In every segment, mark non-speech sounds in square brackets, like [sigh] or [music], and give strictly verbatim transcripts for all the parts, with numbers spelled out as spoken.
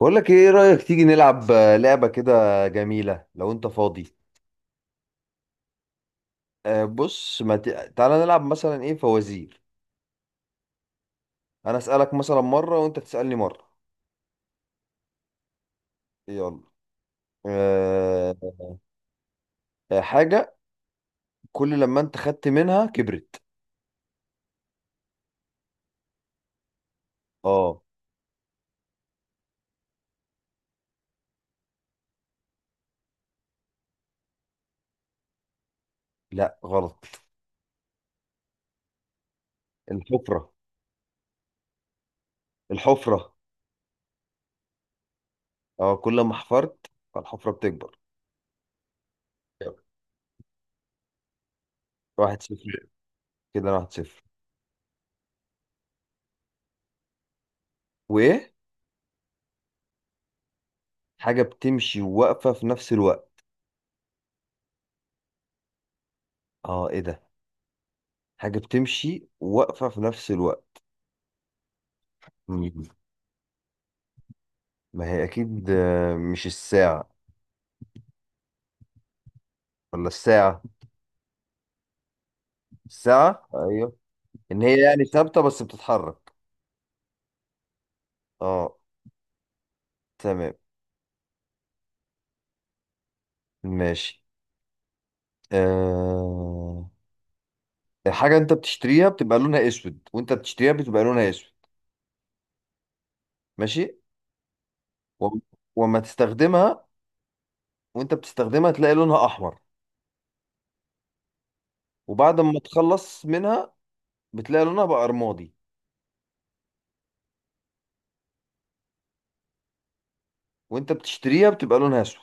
بقول لك ايه رأيك تيجي نلعب آه، لعبة كده جميلة لو انت فاضي. آه، بص ما ت... تعالى نلعب مثلا ايه فوازير؟ انا اسألك مثلا مرة وانت تسألني مرة. يلا. أه... آه، حاجة، كل لما انت خدت منها كبرت. اه. لا غلط. الحفرة. الحفرة. اه، كل ما حفرت فالحفرة بتكبر. يلا. واحد صفر. كده أنا واحد صفر. وايه؟ حاجة بتمشي وواقفة في نفس الوقت. اه ايه ده؟ حاجة بتمشي وواقفة في نفس الوقت. مم. ما هي اكيد آه، مش الساعة، ولا الساعة. الساعة، ايوه. ان هي يعني ثابتة بس بتتحرك. اه. تمام. ماشي. أه... الحاجة انت بتشتريها بتبقى لونها اسود، وانت بتشتريها بتبقى لونها اسود. ماشي. و... وما تستخدمها، وانت بتستخدمها تلاقي لونها احمر، وبعد ما تخلص منها بتلاقي لونها بقى رمادي. وانت بتشتريها بتبقى لونها اسود،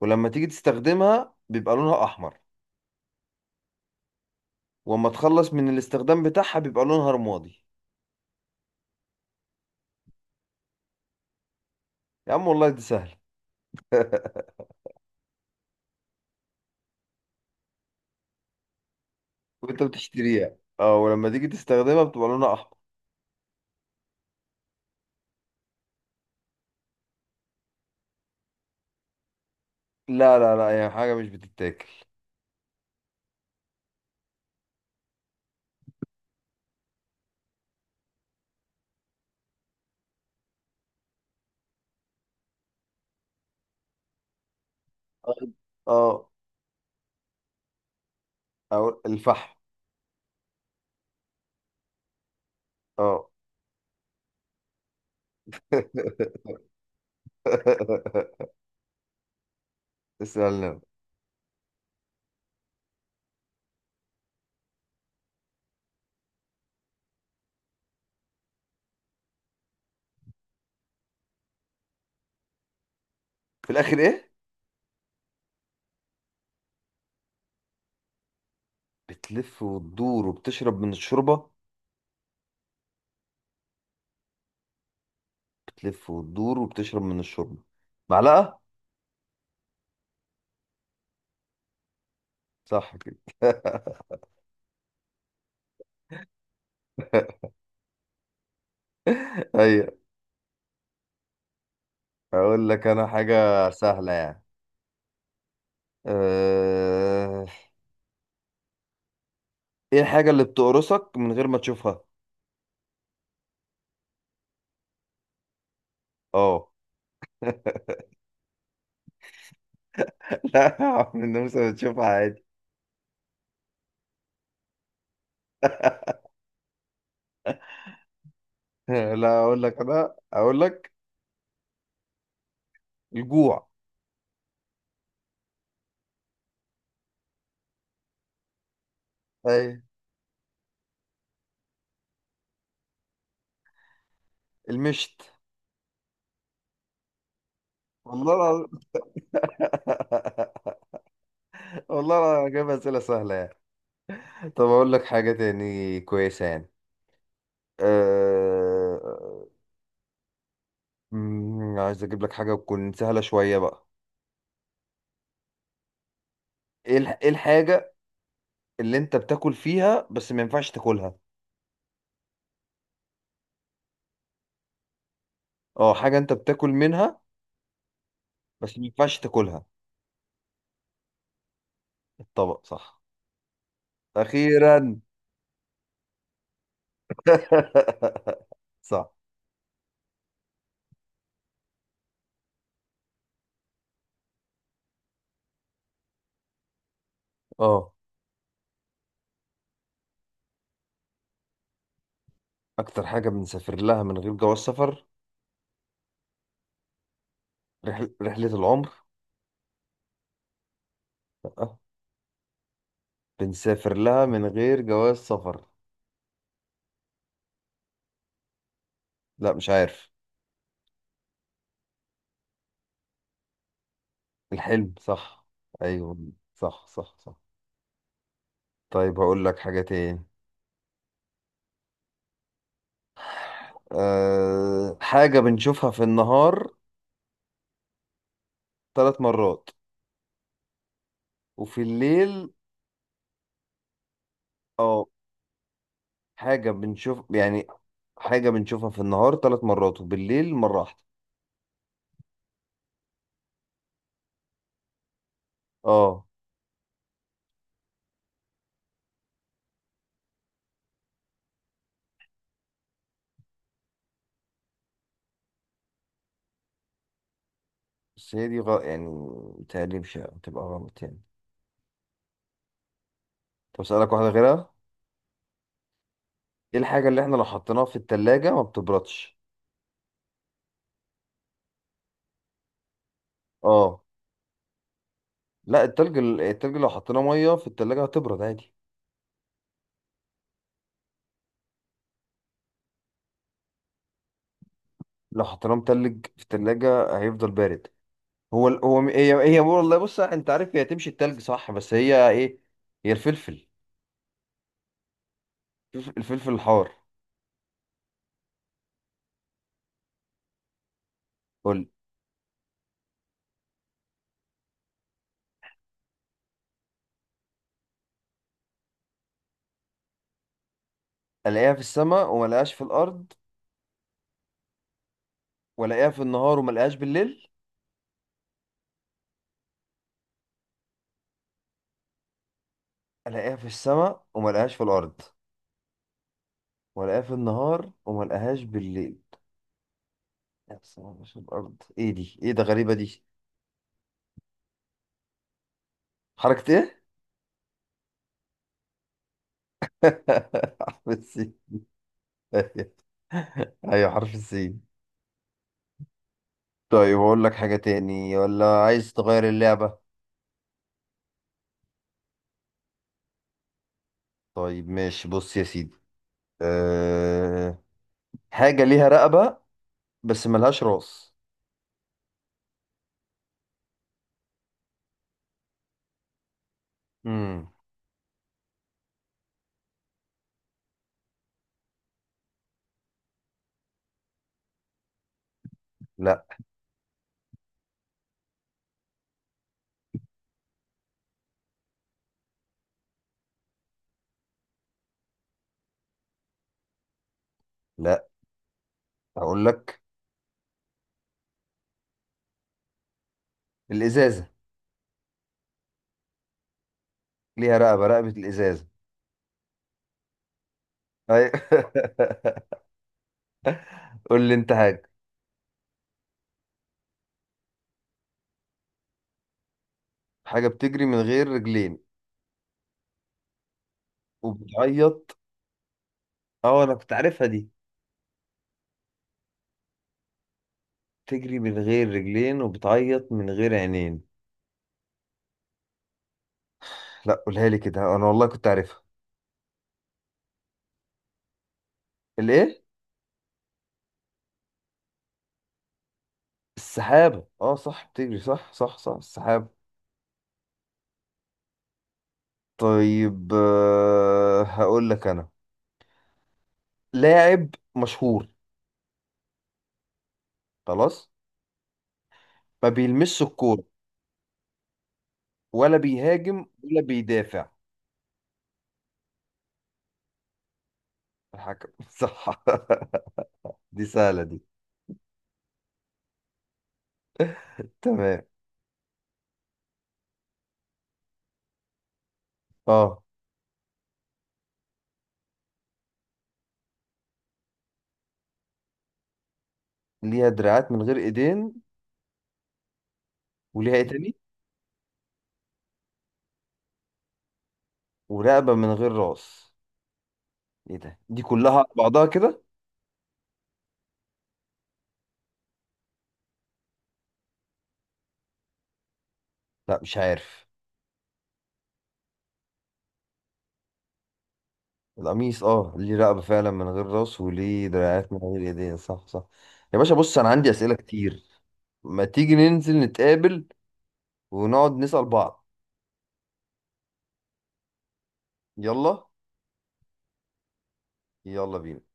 ولما تيجي تستخدمها بيبقى لونها احمر، وما تخلص من الاستخدام بتاعها بيبقى لونها رمادي. يا عم والله دي سهلة. [laughs] وانت بتشتريها، اه، ولما تيجي تستخدمها بتبقى لونها احمر. لا لا لا، هي حاجة مش بتتاكل. اه. او الفحم. اه. [laughs] اسألنا. في الاخر ايه؟ بتلف وتدور وبتشرب من الشوربة. بتلف وتدور وبتشرب من الشوربة. معلقة. صح كده. [laughs] ايوه. اقول لك انا حاجة سهلة يعني. أه... ايه الحاجة اللي بتقرصك من غير ما تشوفها؟ اه. لا [laughs] عمرو النمسا بتشوفها عادي. [laughs] لا اقول لك انا، اقول لك. الجوع. اي. المشت. والله العظيم. [laughs] والله العظيم انا جايب اسئله سهله يعني. طب اقول لك حاجه تاني كويسه يعني. أه... أمم، عايز اجيب لك حاجه تكون سهله شويه بقى. ايه الح- إيه الحاجه اللي انت بتاكل فيها بس ما ينفعش تاكلها؟ اه، حاجه انت بتاكل منها بس ما ينفعش تاكلها. الطبق صح. اخيرا. [laughs] صح. اه. اكتر حاجه بنسافر لها من غير جواز سفر. رحل... رحله العمر. لا. بنسافر لها من غير جواز سفر. لا مش عارف. الحلم صح. ايوه. صح صح صح. طيب هقول لك حاجه تاني. أه... حاجه بنشوفها في النهار ثلاث مرات وفي الليل. اه. حاجه بنشوف يعني. حاجه بنشوفها في النهار ثلاث مرات وبالليل مره واحده. اه. بس هي دي غ... يعني متهيألي مش هتبقى غلط يعني. طب اسالك واحده غيرها. ايه الحاجة اللي احنا لو حطيناها في التلاجة ما بتبردش؟ اه. لا، التلج ال- التلج لو حطيناه مية في التلاجة هتبرد عادي. لو حطيناه متلج في التلاجة هيفضل بارد. هو ال... هو م- هي هي والله، بص انت عارف، هي تمشي التلج صح، بس هي ايه؟ هي الفلفل الفلفل الفلفل الحار. قول. الاقيها في السماء وما الاقيهاش في الارض، والاقيها في النهار وما الاقيهاش بالليل. الاقيها في السماء وما الاقيهاش في الارض، والاقيها في النهار وما الاقيهاش بالليل. يا سلام، مش الارض، ايه دي، ايه ده، غريبة دي. حركة ايه؟ [laughs] حرف السين. ايوه، حرف السين. طيب اقول لك حاجة تاني ولا عايز تغير اللعبة؟ طيب ماشي، بص يا سيدي. أه... حاجة ليها رقبة بس ملهاش راس. امم لا لا، اقول لك. الازازة. ليها رقبة، رقبة الازازة. ايوه. [laughs] قول لي انت حاجة. حاجة بتجري من غير رجلين وبتعيط. اه انا كنت عارفها دي. تجري من غير رجلين وبتعيط من غير عينين. لا قولها لي كده، انا والله كنت عارفها. الايه؟ السحابة. اه صح، بتجري، صح صح صح، السحابة. طيب آه، هقول لك انا. لاعب مشهور خلاص، ما بيلمسش الكورة ولا بيهاجم ولا بيدافع. الحكم. [laughs] صح. دي سهلة دي. تمام. اه. ليها دراعات من غير ايدين. وليها ايه تاني؟ ورقبة من غير راس. ايه ده، دي كلها على بعضها كده. لا مش عارف. القميص. اه ليه رقبة فعلا من غير راس، وليه دراعات من غير ايدين، صح صح. يا باشا، بص انا عندي اسئلة كتير. ما تيجي ننزل نتقابل ونقعد نسأل بعض. يلا. يلا بينا.